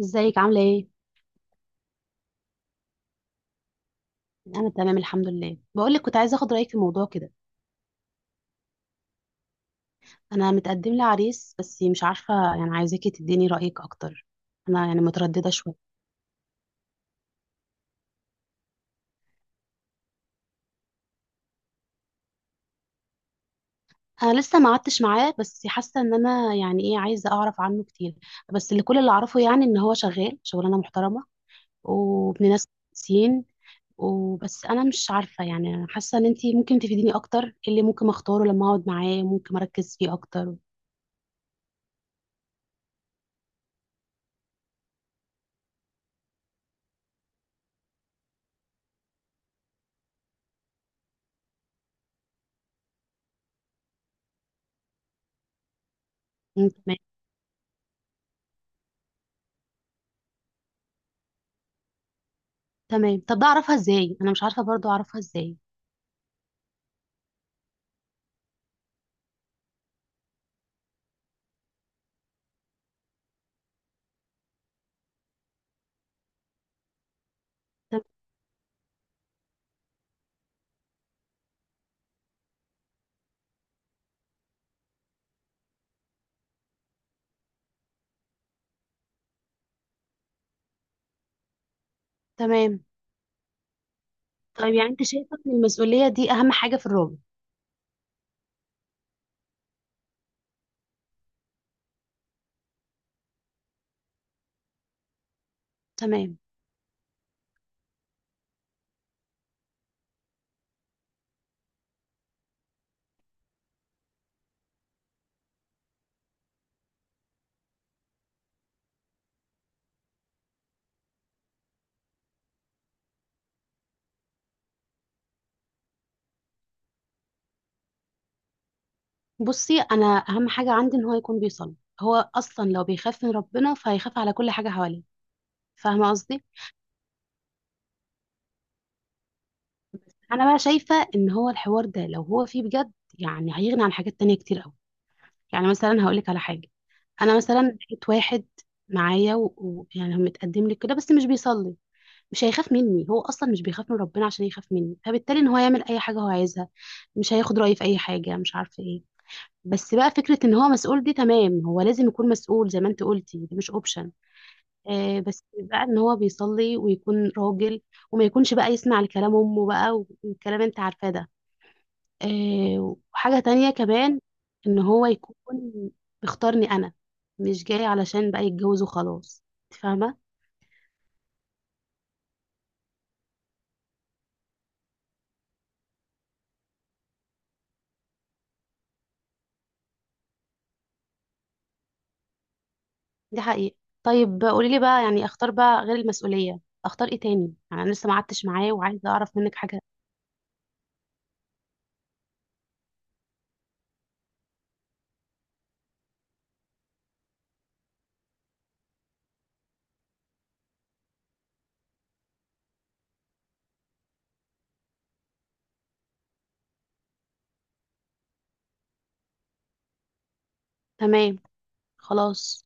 ازيك؟ عامله ايه؟ انا تمام الحمد لله. بقول لك كنت عايزه اخد رايك في موضوع كده. انا متقدم لي عريس بس مش عارفه، يعني عايزاكي تديني رايك اكتر. انا يعني متردده شويه. انا لسه ما قعدتش معاه بس حاسه ان انا يعني ايه، عايزه اعرف عنه كتير. بس كل اللي اعرفه يعني ان هو شغال شغلانه محترمه، وابن ناس كويسين. وبس انا مش عارفه، يعني حاسه ان انتي ممكن تفيديني اكتر. ايه اللي ممكن اختاره لما اقعد معاه؟ ممكن اركز فيه اكتر. مم، تمام. تمام. طب ده اعرفها ازاي؟ انا مش عارفه برضو اعرفها ازاي. تمام. طيب يعني انت شايفه ان المسؤوليه دي اهم حاجه في الراجل؟ تمام. بصي، انا اهم حاجه عندي ان هو يكون بيصلي. هو اصلا لو بيخاف من ربنا فهيخاف على كل حاجه حواليه. فاهمه قصدي؟ انا بقى شايفه ان هو الحوار ده لو هو فيه بجد، يعني هيغني عن حاجات تانية كتير قوي. يعني مثلا هقول لك على حاجه. انا مثلا لقيت واحد معايا، ويعني متقدم لي كده بس مش بيصلي. مش هيخاف مني، هو اصلا مش بيخاف من ربنا عشان يخاف مني. فبالتالي ان هو يعمل اي حاجه هو عايزها، مش هياخد رايي في اي حاجه، مش عارفه ايه. بس بقى فكرة ان هو مسؤول دي تمام، هو لازم يكون مسؤول زي ما انت قلتي، دي مش اوبشن. بس بقى ان هو بيصلي ويكون راجل، وما يكونش بقى يسمع لكلام امه بقى، والكلام انت عارفاه ده. وحاجة تانية كمان، ان هو يكون بيختارني انا، مش جاي علشان بقى يتجوز وخلاص. انت فاهمة؟ دي حقيقة. طيب قولي لي بقى، يعني اختار بقى غير المسؤولية اختار ايه تاني؟ يعني انا لسه ما قعدتش معاه وعايزة اعرف منك حاجة. تمام. خلاص.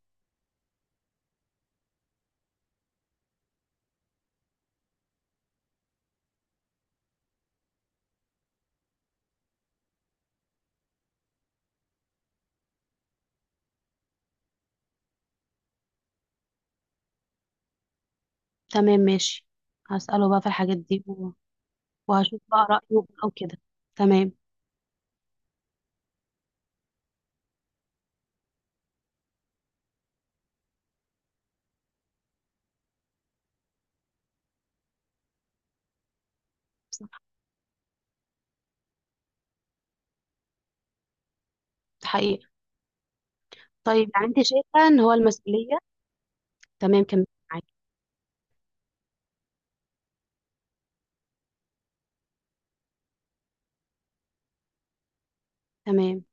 تمام ماشي، هسأله بقى في الحاجات دي وهشوف بقى رأيه أو كده. تمام. صح. ده حقيقة. طيب يعني أنت شايفة إن هو المسؤولية؟ تمام كمل، معاكي. تمام.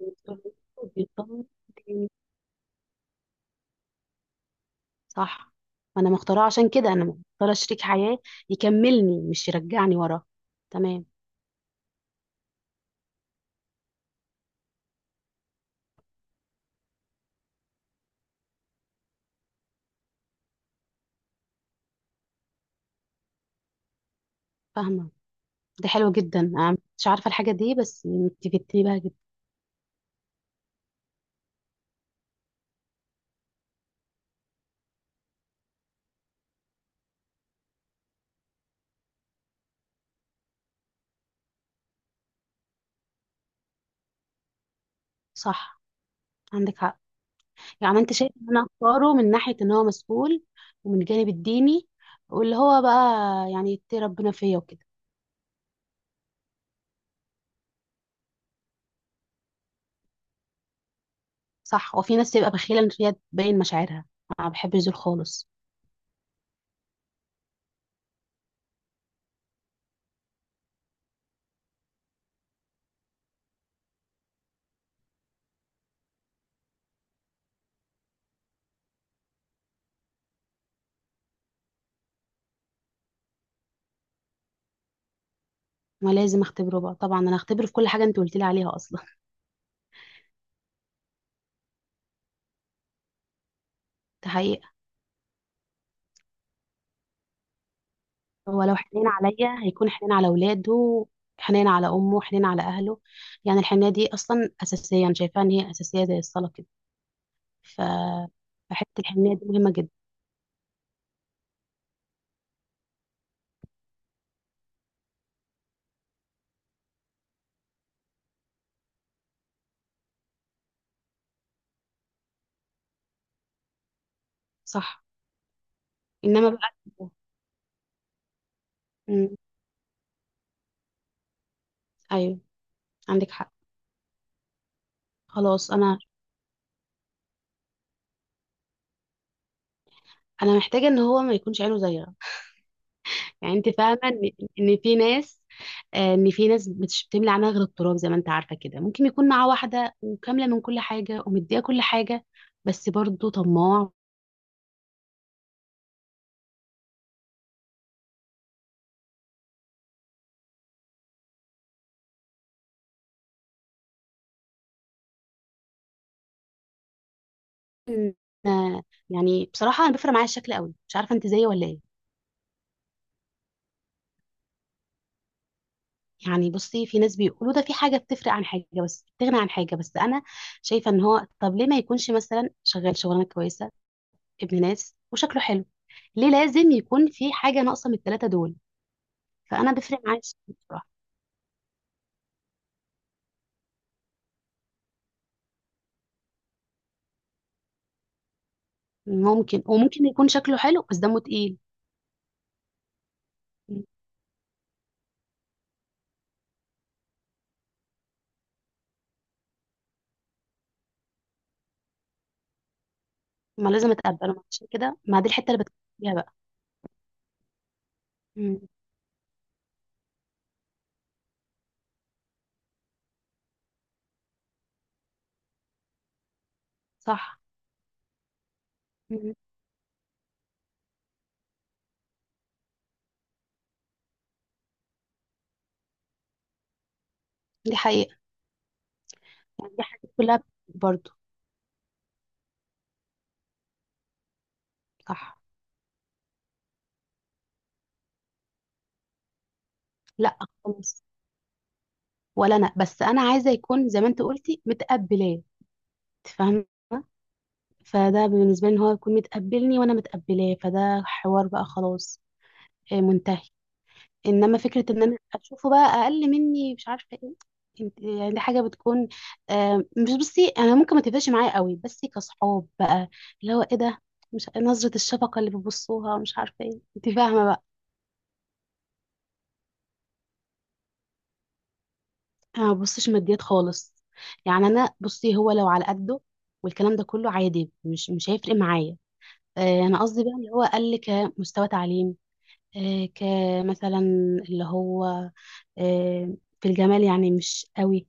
المسؤولية وبيطمن تاني. صح. ما أنا مختارة، عشان كده أنا مختارة شريك حياة يكملني مش يرجعني ورا. تمام. فاهمة. ده حلو جدا، أنا مش عارفة الحاجة دي بس أنت فدتني بها جدا. صح عندك حق. يعني انت شايف ان انا اختاره من ناحية ان هو مسؤول، ومن الجانب الديني، واللي هو بقى يعني يتقي ربنا فيا وكده. صح. وفي ناس تبقى بخيلة ان هي تبين مشاعرها، انا ما بحبش دول خالص. ما لازم اختبره بقى، طبعا انا هختبره في كل حاجة انت قلت لي عليها اصلا. ده حقيقة. هو لو حنين عليا هيكون حنين على اولاده، حنين على امه، حنين على اهله. يعني الحنية دي اصلا اساسية، انا شايفاها ان هي اساسية زي الصلاة كده. ف فحتة الحنية دي مهمة جدا. صح. انما بقى. مم. ايوه، عندك حق. خلاص، انا محتاجه ان هو ما يكونش عينه زيغه. يعني انت فاهمه ان ان في ناس آه، ان في ناس مش بتملي عينها غير التراب، زي ما انت عارفه كده. ممكن يكون معاه واحده وكامله من كل حاجه ومديها كل حاجه، بس برضه طماع. آه، يعني بصراحه انا بيفرق معايا الشكل قوي، مش عارفه انت زيي ولا ايه. يعني بصي، في ناس بيقولوا ده في حاجه بتفرق عن حاجه بس بتغني عن حاجه، بس انا شايفه ان هو طب ليه ما يكونش مثلا شغال شغلانه كويسه، ابن ناس وشكله حلو؟ ليه لازم يكون في حاجه ناقصه من الثلاثه دول؟ فانا بفرق معايا الشكل بصراحه. ممكن، وممكن يكون شكله حلو بس دمه تقيل. مم. ما لازم اتقبله، عشان كده ما دي الحته اللي بتكلم فيها بقى. مم. صح. مم. دي حقيقه. يعني دي حاجات كلها برضو. صح. لا خالص، ولا انا، بس انا عايزه يكون زي ما انت قلتي متقبلاه. أنت فاهمه. فده بالنسبه لي ان هو يكون متقبلني وانا متقبلاه، فده حوار بقى خلاص، منتهي. انما فكره ان انا اشوفه بقى اقل مني مش عارفه ايه، انت يعني دي حاجه بتكون. مش بصي انا ممكن ما تبقاش معايا قوي بس كصحاب بقى، اللي هو ايه ده، مش نظره الشفقه اللي بيبصوها مش عارفه ايه، انت فاهمه بقى. انا ما ببصش ماديات خالص. يعني انا بصي، هو لو على قده والكلام ده كله عادي، مش هيفرق معايا. انا قصدي بقى اللي هو اقل كمستوى تعليم، كمثلا اللي هو في الجمال يعني مش قوي.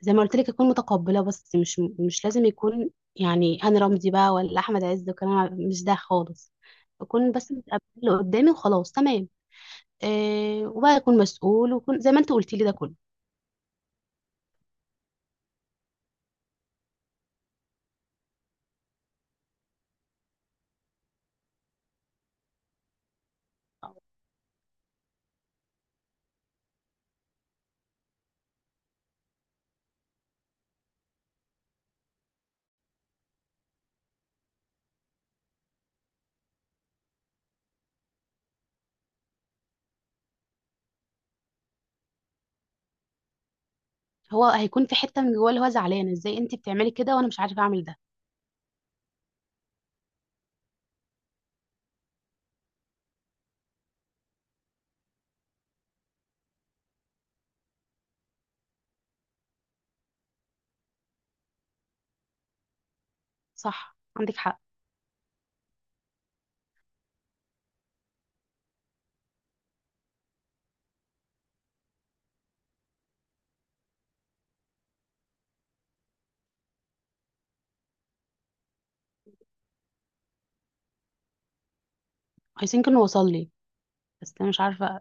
زي ما قلت لك اكون متقبله، بس مش لازم يكون، يعني انا رمزي بقى ولا احمد عز وكلام مش ده خالص. اكون بس متقبله اللي قدامي وخلاص، تمام. إيه، وبقى اكون مسؤول وكون زي ما انت قلتي لي، ده كله. هو هيكون في حته من جواه اللي هو زعلان، ازاي انت بتعملي كده وانا مش عارفه اعمل ده؟ صح عندك حق. عايزين كنا، وصل لي. بس انا مش عارفه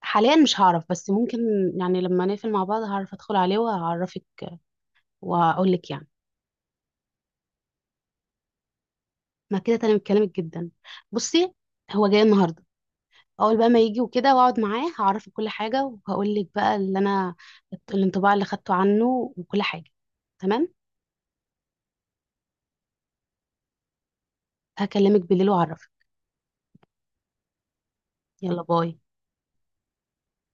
حاليا، مش هعرف بس ممكن، يعني لما نقفل مع بعض هعرف ادخل عليه وهعرفك واقول لك يعني. ما كده تمام، كلامك جدا. بصي، هو جاي النهارده. اول بقى ما يجي وكده واقعد معاه هعرفه كل حاجه، وهقول لك بقى اللي انا، الانطباع اللي خدته عنه وكل حاجه. تمام. هكلمك بالليل واعرفك. يلا باي.